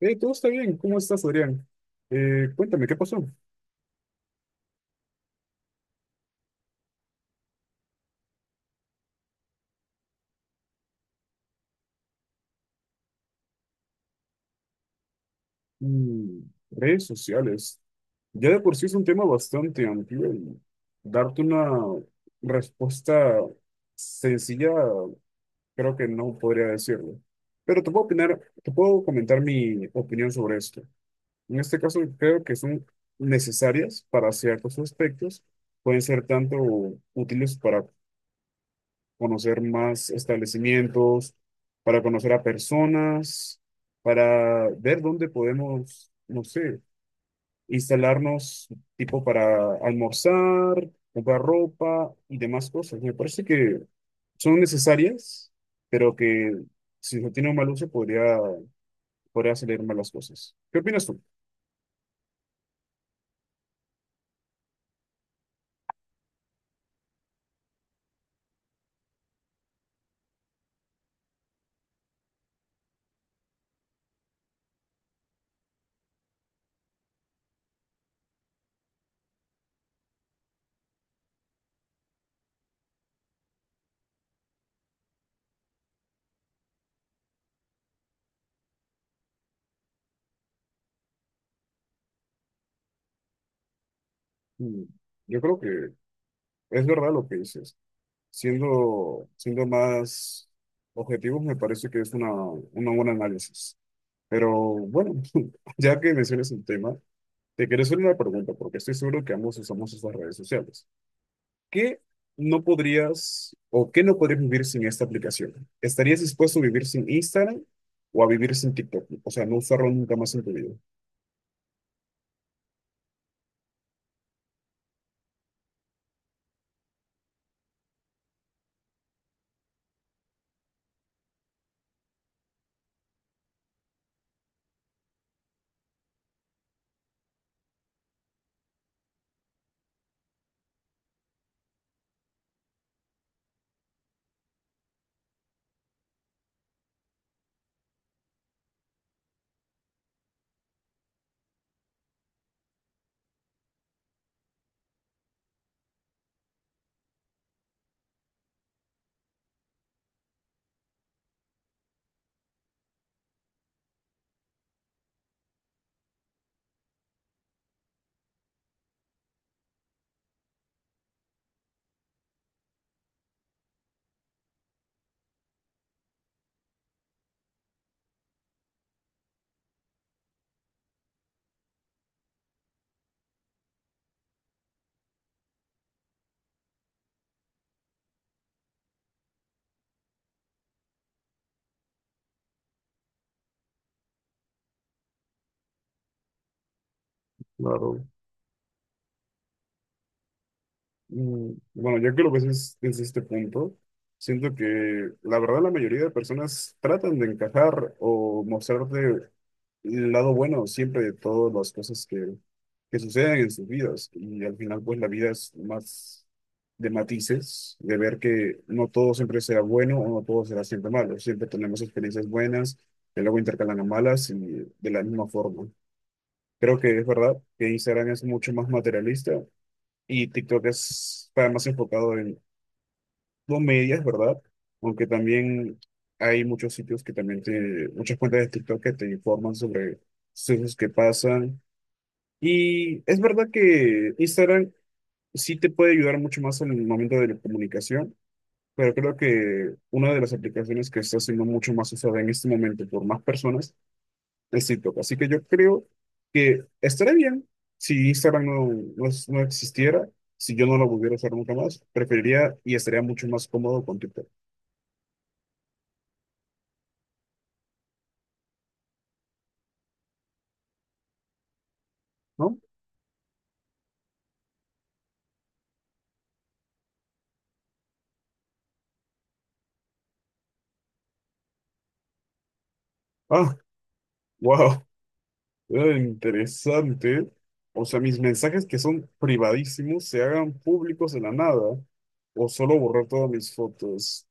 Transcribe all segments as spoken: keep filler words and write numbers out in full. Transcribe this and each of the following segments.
Eh, todo está bien. ¿Cómo estás, Adrián? Eh, cuéntame, ¿qué pasó? Mm, redes sociales. Ya de por sí es un tema bastante amplio y darte una respuesta sencilla creo que no podría decirlo. Pero te puedo opinar, te puedo comentar mi opinión sobre esto. En este caso creo que son necesarias para ciertos aspectos. Pueden ser tanto útiles para conocer más establecimientos, para conocer a personas, para ver dónde podemos, no sé, instalarnos, tipo para almorzar, comprar ropa y demás cosas. Me parece que son necesarias, pero que si no tiene un mal uso podría, podría salir mal las cosas. ¿Qué opinas tú? Mm, Yo creo que es verdad lo que dices. Siendo, siendo más objetivos, me parece que es una, una buena análisis. Pero bueno, ya que mencionas el tema, te quiero hacer una pregunta, porque estoy seguro que ambos usamos estas redes sociales. ¿Qué no podrías o qué no podrías vivir sin esta aplicación? ¿Estarías dispuesto a vivir sin Instagram o a vivir sin TikTok? O sea, no usarlo nunca más en tu vida. Claro. Mm, Bueno, ya que lo ves, es- desde este punto, siento que la verdad la mayoría de personas tratan de encajar o mostrarte el lado bueno siempre de todas las cosas que, que suceden en sus vidas. Y al final, pues la vida es más de matices, de ver que no todo siempre será bueno o no todo será siempre malo. Siempre tenemos experiencias buenas, que luego intercalan a malas y de la misma forma. Creo que es verdad que Instagram es mucho más materialista y TikTok es, está más enfocado en comedias, ¿verdad? Aunque también hay muchos sitios que también te, muchas cuentas de TikTok que te informan sobre sucesos que pasan. Y es verdad que Instagram sí te puede ayudar mucho más en el momento de la comunicación, pero creo que una de las aplicaciones que está siendo mucho más usada en este momento por más personas es TikTok. Así que yo creo que estaría bien si Instagram no, no, es- no existiera, si yo no lo volviera a usar nunca más, preferiría y estaría mucho más cómodo con TikTok, ¿no? Ah, wow, eh, interesante. O sea, mis mensajes que son privadísimos se hagan públicos de la nada o solo borrar todas mis fotos.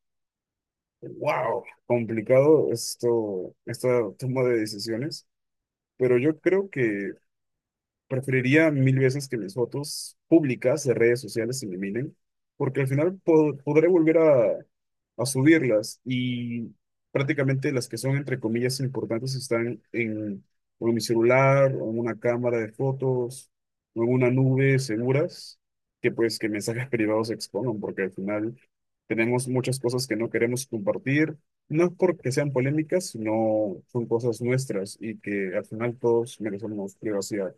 Wow, complicado esto, esta toma de decisiones, pero yo creo que preferiría mil veces que mis fotos públicas de redes sociales se eliminen, porque al final po- podré volver a, a subirlas y prácticamente las que son, entre comillas, importantes están en, o en mi celular, o en una cámara de fotos, o en una nube seguras, que pues que mensajes privados se expongan, porque al final tenemos muchas cosas que no queremos compartir, no es porque sean polémicas, sino son cosas nuestras y que al final todos merecemos privacidad.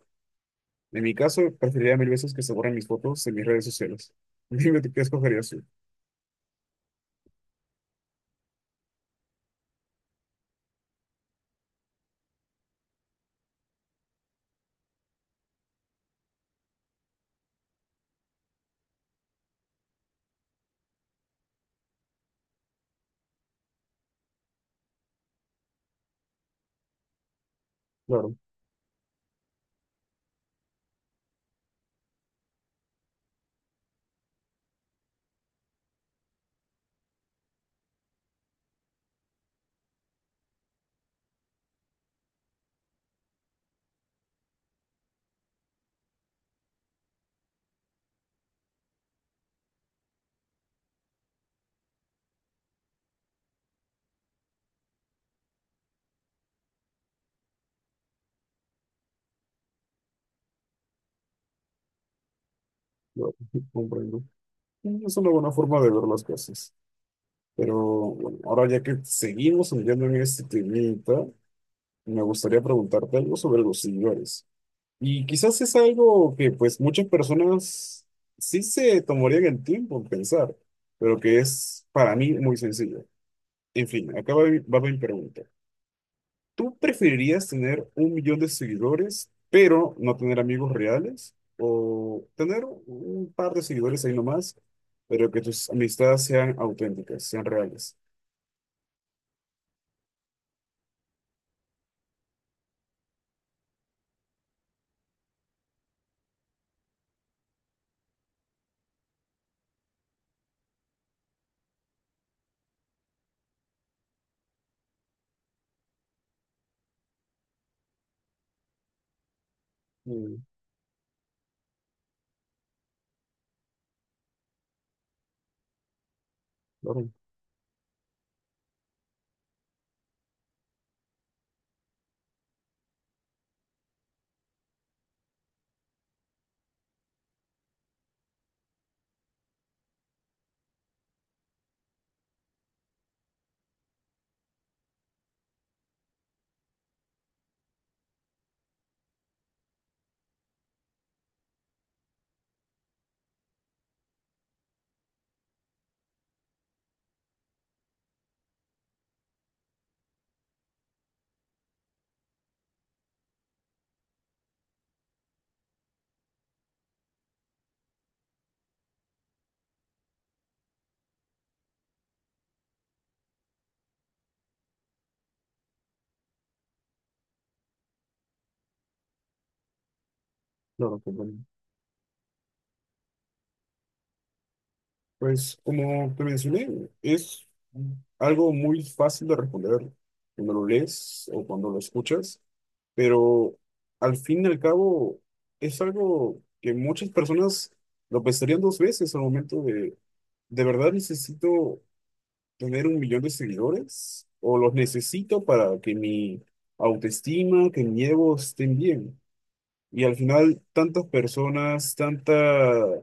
En mi caso, preferiría mil veces que se borren mis fotos en mis redes sociales. Dime tú qué escogerías tú. Claro, claro, comprendo. Mm, Es una buena forma de ver las cosas. Pero bueno, ahora ya que seguimos enviando en este temita, me gustaría preguntarte algo sobre los seguidores. Y quizás es algo que pues muchas personas sí se tomarían el tiempo en pensar, pero que es para mí muy sencillo. En fin, acá va, mi- va mi pregunta. ¿Tú preferirías tener un millón de seguidores, pero no tener amigos reales? ¿O tener un par de seguidores ahí nomás, pero que tus amistades sean auténticas, sean reales? Mm, claro, claro, comprendo. Pues como te mencioné, es algo muy fácil de responder cuando lo lees o cuando lo escuchas, pero al fin y al cabo es algo que muchas personas lo pensarían dos veces al momento de ¿De verdad necesito tener un millón de seguidores? ¿O los necesito para que mi autoestima, que mi ego estén bien? Y al final, tantas personas, tanta,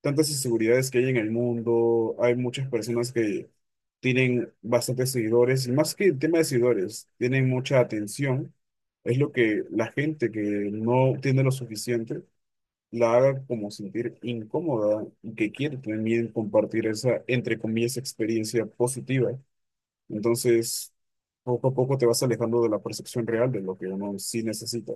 tantas inseguridades que hay en el mundo, hay muchas personas que tienen bastantes seguidores, y más que el tema de seguidores, tienen mucha atención. Es lo que la gente que no tiene lo suficiente la haga como sentir incómoda y que quiere también compartir esa, entre comillas, experiencia positiva. Entonces, poco a poco te vas alejando de la percepción real de lo que uno sí necesita.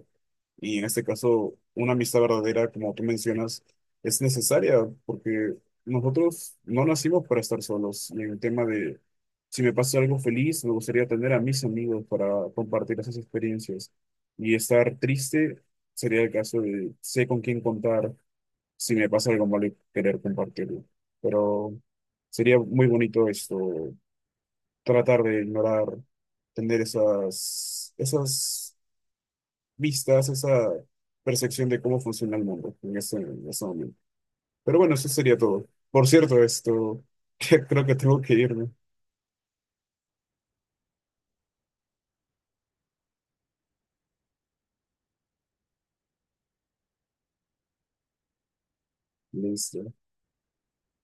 Y en este caso, una amistad verdadera, como tú mencionas, es necesaria porque nosotros no nacimos para estar solos. Y en el tema de, si me pasa algo feliz, me gustaría tener a mis amigos para compartir esas experiencias. Y estar triste sería el caso de sé con quién contar, si me pasa algo malo y querer compartirlo. Pero sería muy bonito esto, tratar de ignorar, tener esas, esas vistas, esa percepción de cómo funciona el mundo en ese, en ese momento. Pero bueno, eso sería todo. Por cierto, esto, creo que tengo que irme. Listo.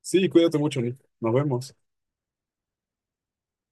Sí, cuídate mucho, Nick. Nos vemos.